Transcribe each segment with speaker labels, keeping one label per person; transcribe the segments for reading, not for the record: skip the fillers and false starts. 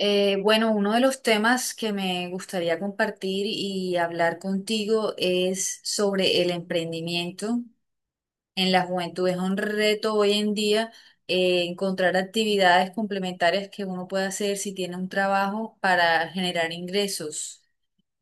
Speaker 1: Bueno, Uno de los temas que me gustaría compartir y hablar contigo es sobre el emprendimiento en la juventud. Es un reto hoy en día encontrar actividades complementarias que uno pueda hacer si tiene un trabajo para generar ingresos,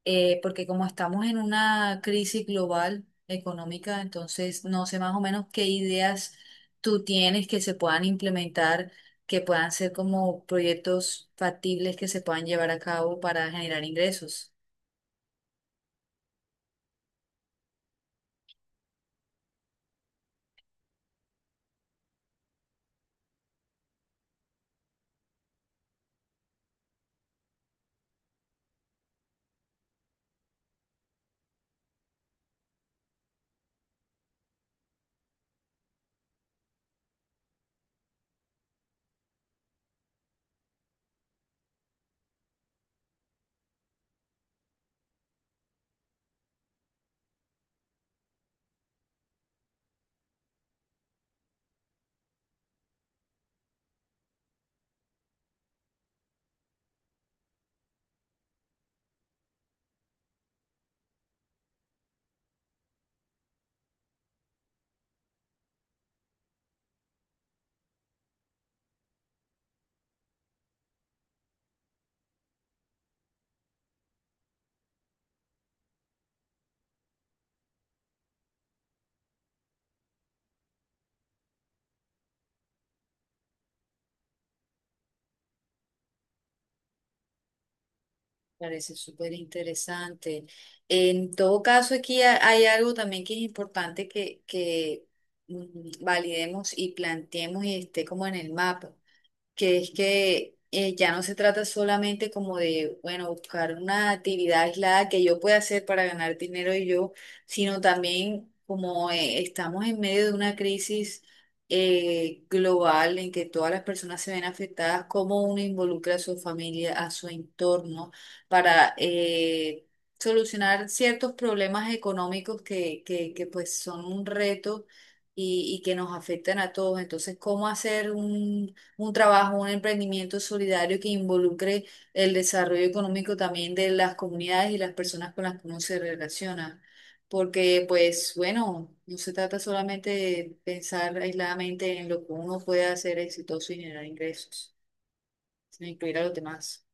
Speaker 1: porque como estamos en una crisis global económica, entonces no sé más o menos qué ideas tú tienes que se puedan implementar, que puedan ser como proyectos factibles que se puedan llevar a cabo para generar ingresos. Parece súper interesante. En todo caso, aquí hay algo también que es importante que validemos y planteemos y esté como en el mapa, que es que ya no se trata solamente como de, bueno, buscar una actividad aislada que yo pueda hacer para ganar dinero y yo, sino también como, estamos en medio de una crisis global en que todas las personas se ven afectadas, cómo uno involucra a su familia, a su entorno, para solucionar ciertos problemas económicos que pues son un reto y que nos afectan a todos. Entonces, ¿cómo hacer un trabajo, un emprendimiento solidario que involucre el desarrollo económico también de las comunidades y las personas con las que uno se relaciona? Porque, pues, bueno, no se trata solamente de pensar aisladamente en lo que uno puede hacer exitoso y generar ingresos, sino incluir a los demás.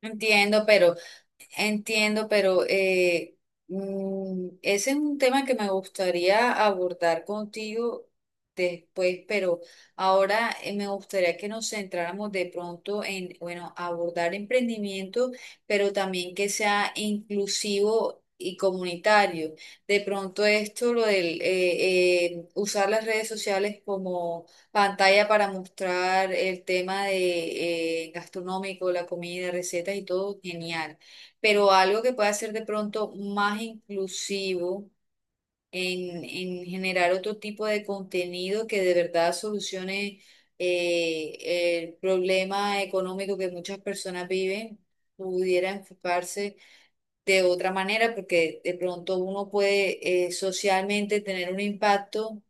Speaker 1: Entiendo, pero Entiendo, pero ese es un tema que me gustaría abordar contigo después, pero ahora, me gustaría que nos centráramos de pronto en, bueno, abordar emprendimiento, pero también que sea inclusivo y comunitario. De pronto esto, lo del usar las redes sociales como pantalla para mostrar el tema de, gastronómico, la comida, recetas y todo, genial, pero algo que pueda ser de pronto más inclusivo, en generar otro tipo de contenido que de verdad solucione eh, el problema económico que muchas personas viven, pudiera enfocarse de otra manera, porque de pronto uno puede, socialmente, tener un impacto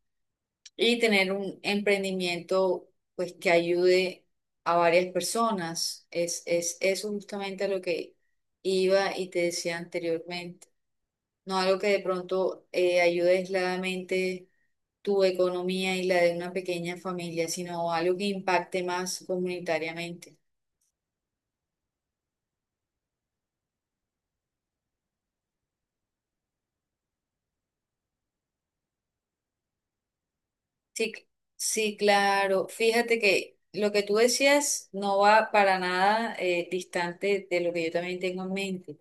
Speaker 1: y tener un emprendimiento pues que ayude a varias personas. Es eso justamente a lo que iba y te decía anteriormente. No algo que de pronto ayude aisladamente tu economía y la de una pequeña familia, sino algo que impacte más comunitariamente. Sí, cl- sí, claro. Fíjate que lo que tú decías no va para nada distante de lo que yo también tengo en mente,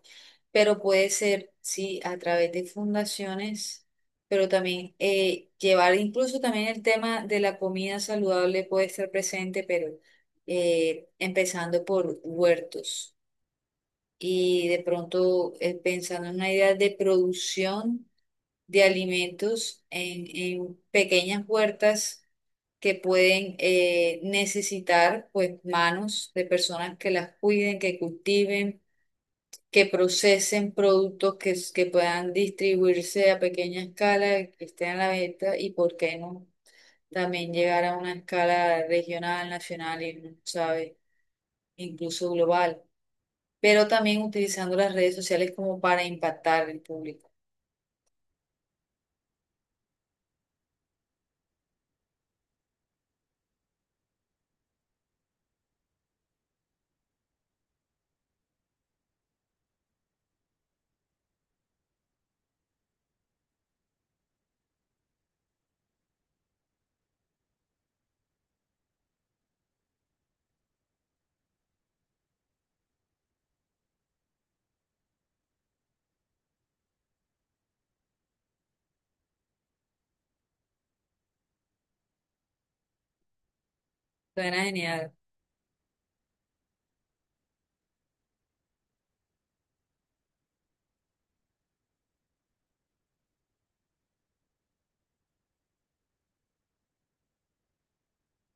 Speaker 1: pero puede ser, sí, a través de fundaciones, pero también, llevar incluso también el tema de la comida saludable puede estar presente, pero empezando por huertos y de pronto, pensando en una idea de producción de alimentos en pequeñas huertas que pueden, necesitar pues manos de personas que las cuiden, que cultiven, que procesen productos que puedan distribuirse a pequeña escala, que estén a la venta, y por qué no también llegar a una escala regional, nacional y, uno sabe, incluso global, pero también utilizando las redes sociales como para impactar al público. Suena genial.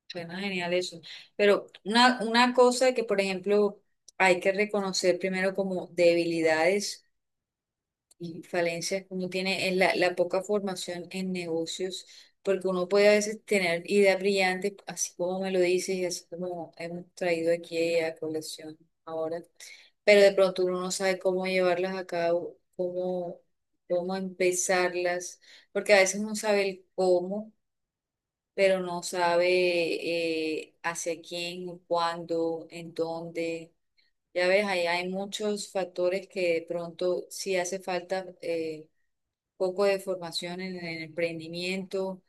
Speaker 1: Suena genial eso. Pero una cosa que, por ejemplo, hay que reconocer primero como debilidades y falencias que uno tiene es la poca formación en negocios, porque uno puede a veces tener ideas brillantes, así como me lo dices y así como hemos traído aquí a colección ahora, pero de pronto uno no sabe cómo llevarlas a cabo, cómo, cómo empezarlas, porque a veces uno sabe el cómo pero no sabe hacia quién, cuándo, en dónde. Ya ves, ahí hay muchos factores que de pronto sí hace falta, poco de formación en el emprendimiento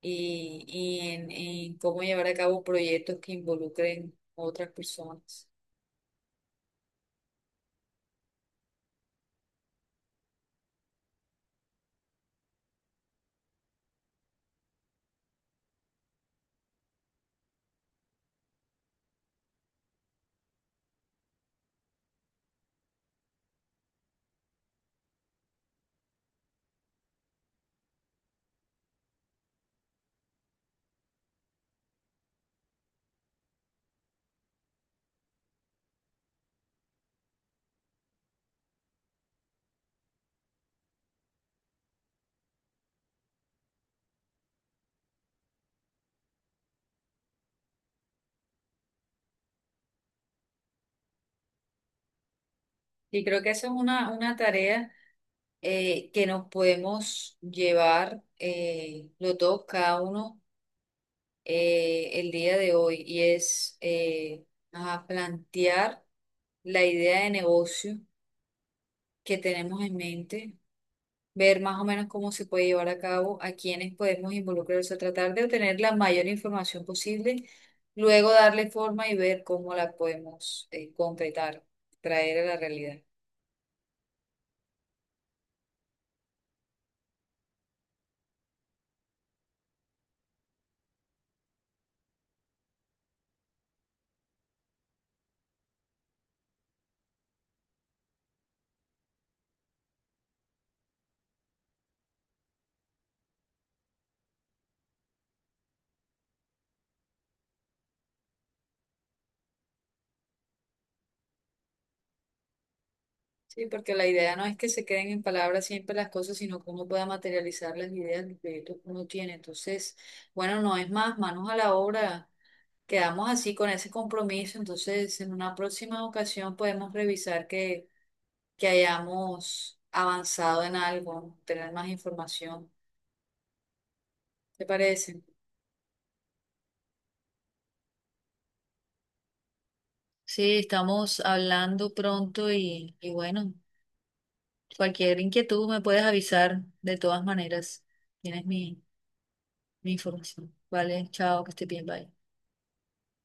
Speaker 1: y en cómo llevar a cabo proyectos que involucren otras personas. Y creo que esa es una tarea que nos podemos llevar, los dos, cada uno, el día de hoy, y es, ajá, plantear la idea de negocio que tenemos en mente, ver más o menos cómo se puede llevar a cabo, a quiénes podemos involucrarse, tratar de obtener la mayor información posible, luego darle forma y ver cómo la podemos, concretar, traer a la realidad. Sí, porque la idea no es que se queden en palabras siempre las cosas, sino cómo pueda materializar las ideas, los proyectos que uno tiene. Entonces, bueno, no es más, manos a la obra. Quedamos así con ese compromiso, entonces en una próxima ocasión podemos revisar que hayamos avanzado en algo, tener más información. ¿Te parece? Sí, estamos hablando pronto y bueno, cualquier inquietud me puedes avisar de todas maneras. Tienes mi, mi información. Vale, chao, que esté bien, bye.